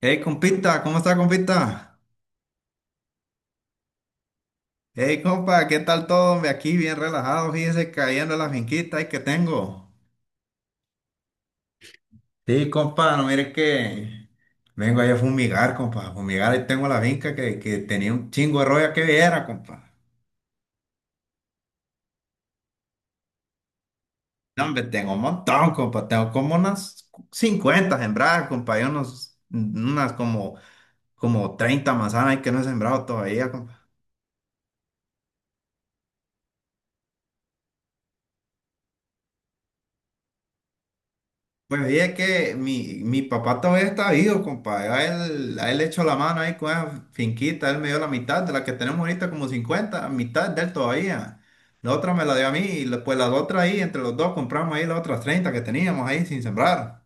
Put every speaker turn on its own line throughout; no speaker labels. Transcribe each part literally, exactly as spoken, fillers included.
Hey, compita, ¿cómo está, compita? Hey, compa, ¿qué tal todo? Hombre, aquí bien relajado, fíjese, cayendo en la finquita ahí que tengo. Sí, compa, no mire que vengo ahí a fumigar, compa, a fumigar, ahí tengo la finca que, que tenía un chingo de roya que viera, compa. No, hombre, tengo un montón, compa, tengo como unas cincuenta sembradas, compa, y unos, unas como, como treinta manzanas ahí que no he sembrado todavía, compa. Pues oye, que mi, mi papá todavía está vivo, compadre. A él, a él le echó la mano ahí con esa finquita, él me dio la mitad de la que tenemos ahorita, como cincuenta, mitad de él todavía. La otra me la dio a mí, y la- pues las otras ahí, entre los dos compramos ahí las otras treinta que teníamos ahí sin sembrar.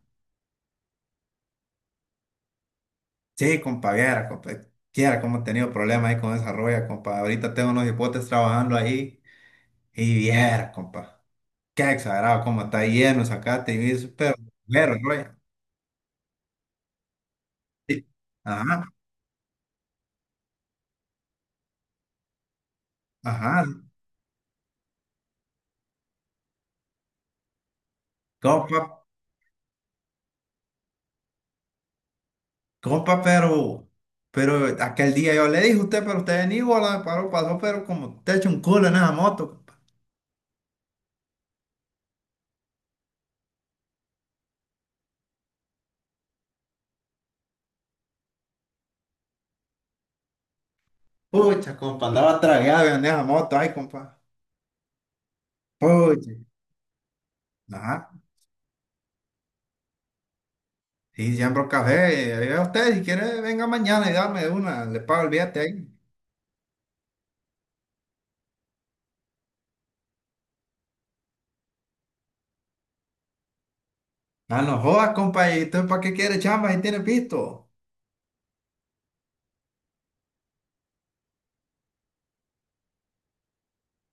Sí, compadre, viera, compadre, quiera cómo he tenido problemas ahí con esa roya, compadre. Ahorita tengo unos hipotes trabajando ahí y viera, compadre. Qué exagerado, cómo está lleno, sacate y eso, pero, pero, roya. Sí. Ajá, ajá. Compa, pero, pero aquel día yo le dije a usted, pero usted en Iguala paró, pasó, pero como te echó un culo en esa moto, compa. Pucha, compa, andaba tragado en esa moto, ay, compa. Pucha. Ajá. Y siembro café. Y yo, usted, si quiere, venga mañana y dame una, le pago el billete ahí. Ah, no jodas, compa, ¿y usted para qué quiere chamba si tiene pisto?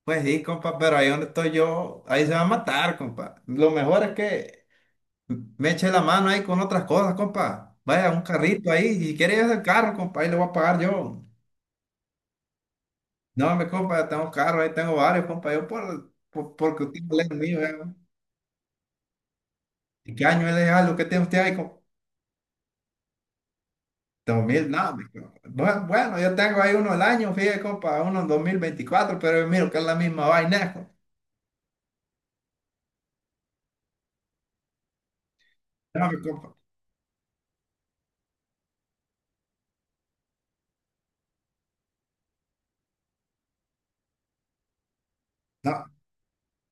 Pues sí, compa, pero ahí donde estoy yo, ahí se va a matar, compa. Lo mejor es que me eché la mano ahí con otras cosas, compa. Vaya, un carrito ahí. Si quiere ese carro, compa, ahí le voy a pagar yo. No, mi compa, yo tengo carro, ahí tengo varios, compa. Yo por, por- porque usted no es el mío, ¿verdad? ¿Y qué año es de algo? ¿Qué tiene usted ahí, compa? Dos mil, no, mi compa. Bueno, bueno, yo tengo ahí uno al año, fíjate, compa, uno en dos mil veinticuatro, pero miro que es la misma vaina, compa. No, mi compa. No.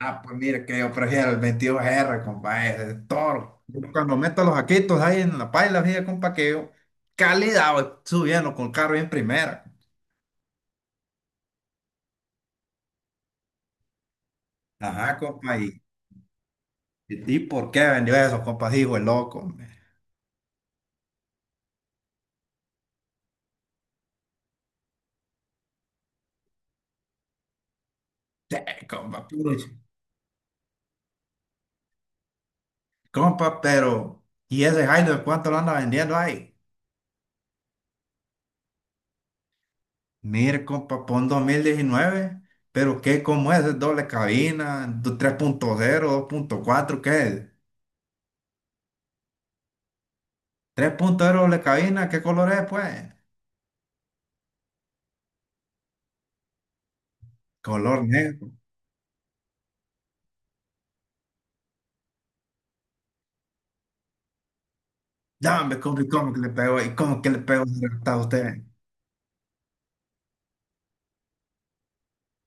Ah, pues mire que yo prefiero el veintidós R, compa, ese es toro. Yo cuando meto los aquitos ahí en la paila, fíjate, compa, que yo calidad voy subiendo con el carro en primera. Ajá, compa, ¿y, y por qué vendió eso, compa? Dijo el loco, hombre. Sí, compa, puro ch- compa, pero ¿y ese Jairo de cuánto lo anda vendiendo ahí? Mire, compa, pon dos mil diecinueve, pero ¿qué? ¿Cómo es? ¿Es doble cabina? ¿tres punto cero, dos punto cuatro? ¿Qué es? ¿tres punto cero doble cabina? ¿Qué color es, pues? Color negro. Dame, ¿cómo, cómo que le pegó? ¿Y cómo que le pegó ese rectado a usted?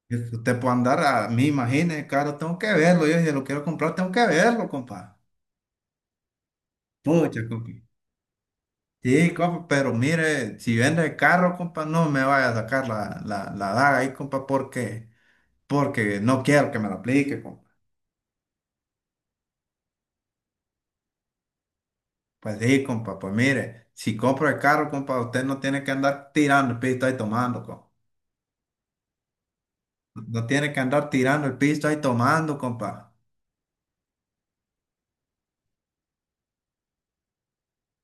Es que usted puede andar a mí, imagínese, caro, tengo que verlo. Yo si lo quiero comprar, tengo que verlo, compa. Pucha, compi. Sí, compa, pero mire, si vende el carro, compa, no me vaya a sacar la, la, la daga ahí, compa, porque, porque no quiero que me la aplique, compa. Pues sí, compa, pues mire, si compro el carro, compa, usted no tiene que andar tirando el pisto ahí tomando, compa. No tiene que andar tirando el pisto ahí tomando, compa.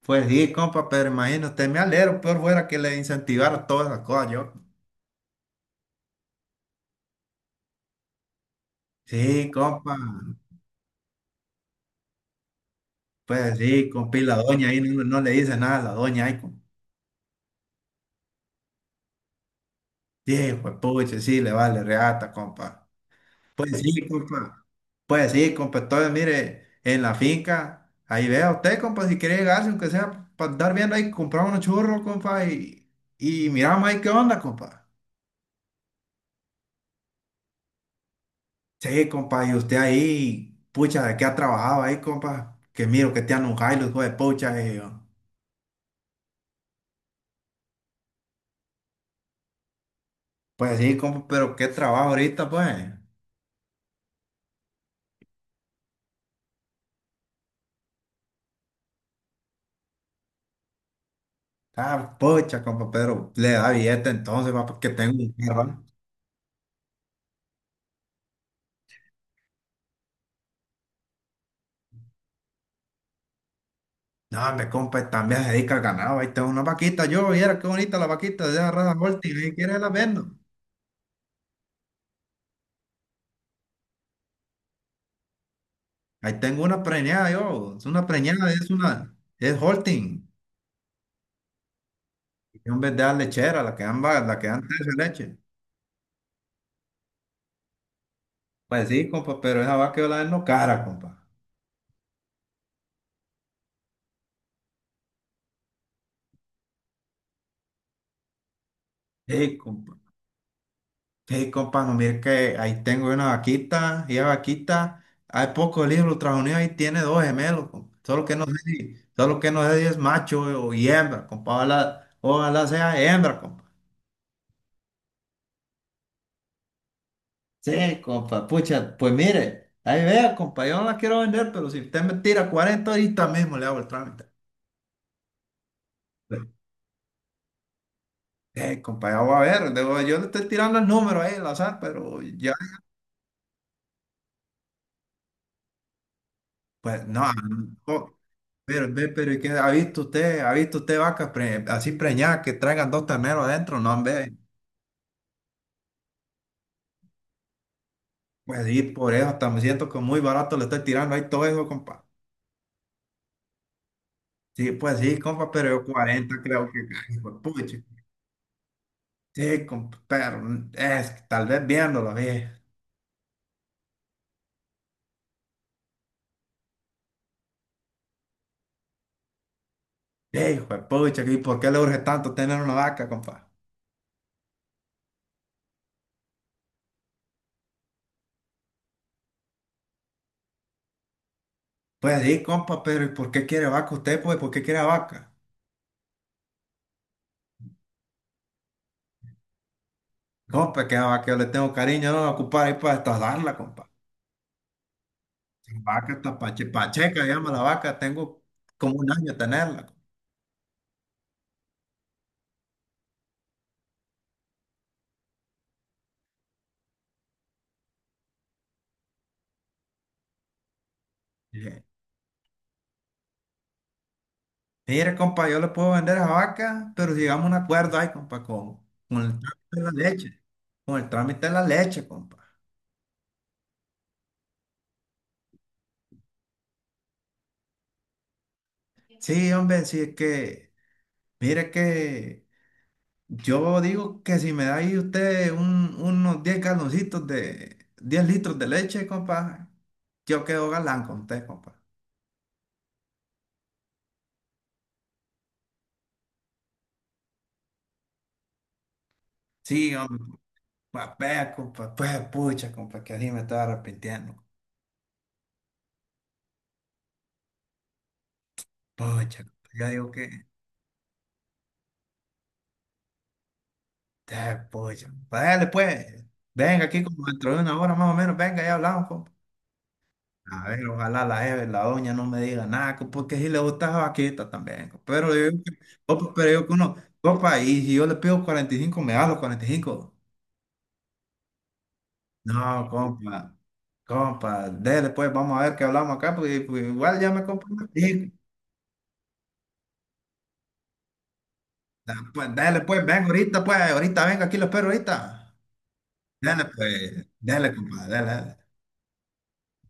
Pues sí, compa, pero imagínate, me alegro, peor fuera que le incentivara todas esas cosas, yo. Sí, compa, pues sí, compa, y la doña ahí no, no no le dice nada a la doña ahí, compa. Sí, pues puche, sí, le vale reata, compa. Pues sí, compa, pues sí, compa, entonces mire, en la finca, ahí vea usted, compa, si quiere llegarse, aunque sea para andar viendo ahí, comprar unos churros, compa, y, y miramos ahí qué onda, compa. Sí, compa, y usted ahí, pucha, ¿de qué ha trabajado ahí, compa? Que miro que te han un los hijo de pucha, y yo. Pues sí, compa, pero qué trabajo ahorita, pues. Ah, pucha, compa, pero le da billete entonces, va, porque tengo un carro. No, hombre, compa, también se dedica al ganado. Ahí tengo una vaquita, yo, viera qué bonita la vaquita de esa raza Holting, ahí quiere la vendo. Ahí tengo una preñada, yo, es una preñada, es una, es Holting. Y en vez de dar lechera, la que dan, va- la que dan tres de leche. Pues sí, compa, pero esa vaca yo la vendo cara, compa. Hey, compa. Ey, compa, no, mire que ahí tengo una vaquita, y la vaquita, hay pocos libros, Estados Unidos ahí tiene dos gemelos, compa. Solo que no sé si, solo que no sé si es macho o y hembra, compa, ojalá, ojalá sea hembra, compa. Sí, compa, pucha, pues mire, ahí vea, compa, yo no la quiero vender, pero si usted me tira cuarenta ahorita mismo le hago el trámite. Eh, compa, ya voy a ver, debo- yo le estoy tirando el número ahí al azar, pero ya, pues no, no. Pero, ve, pero ¿y qué ha visto usted? ¿Ha visto usted vacas pre- así preñadas que traigan dos terneros adentro? No, hombre. Pues sí, por eso hasta me siento que muy barato le estoy tirando ahí todo eso, compa. Sí, pues sí, compa, pero yo cuarenta creo que hijo de pucha. Sí, compa, pero es que tal vez viéndolo bien. "Ey, hijo de pucha, ¿y por qué le urge tanto tener una vaca, compa?" Pues sí, compa, pero ¿y por qué quiere vaca usted, pues? ¿Por qué quiere vaca? Compa, que a vaca yo le tengo cariño, no la ocupar ahí para estadarla, compa. Vaca está pache- pacheca, llama la vaca, tengo como un año tenerla. Y dije, mire, compa, yo le puedo vender esa vaca, pero si llegamos a un acuerdo ahí, compa, con, con el trámite de la leche, con el trámite de la leche, compa. Sí, hombre, sí es que, mire que yo digo que si me da ahí usted un- unos diez galoncitos de diez litros de leche, compa, yo quedo galán con usted, compa. Sí, hombre, compa, vea, compa, pues pucha, compa, que así me estaba arrepintiendo. Pucha, yo digo que, ah, pucha, vale pues, venga aquí como dentro de una hora más o menos, venga, ya hablamos, compa. A ver, ojalá la jefe, la doña no me diga nada, co- porque si le gusta vaquita también, co. pero yo, digo que- compa, pero yo que uno, compa, y si yo le pido cuarenta y cinco me da los cuarenta y cinco. No, compa, compa, dele pues, vamos a ver qué hablamos acá, porque pues, igual ya me compré una pico. Da, Pues, dele pues, venga ahorita pues, ahorita venga, aquí lo espero ahorita. Dele pues, dele compa, dele.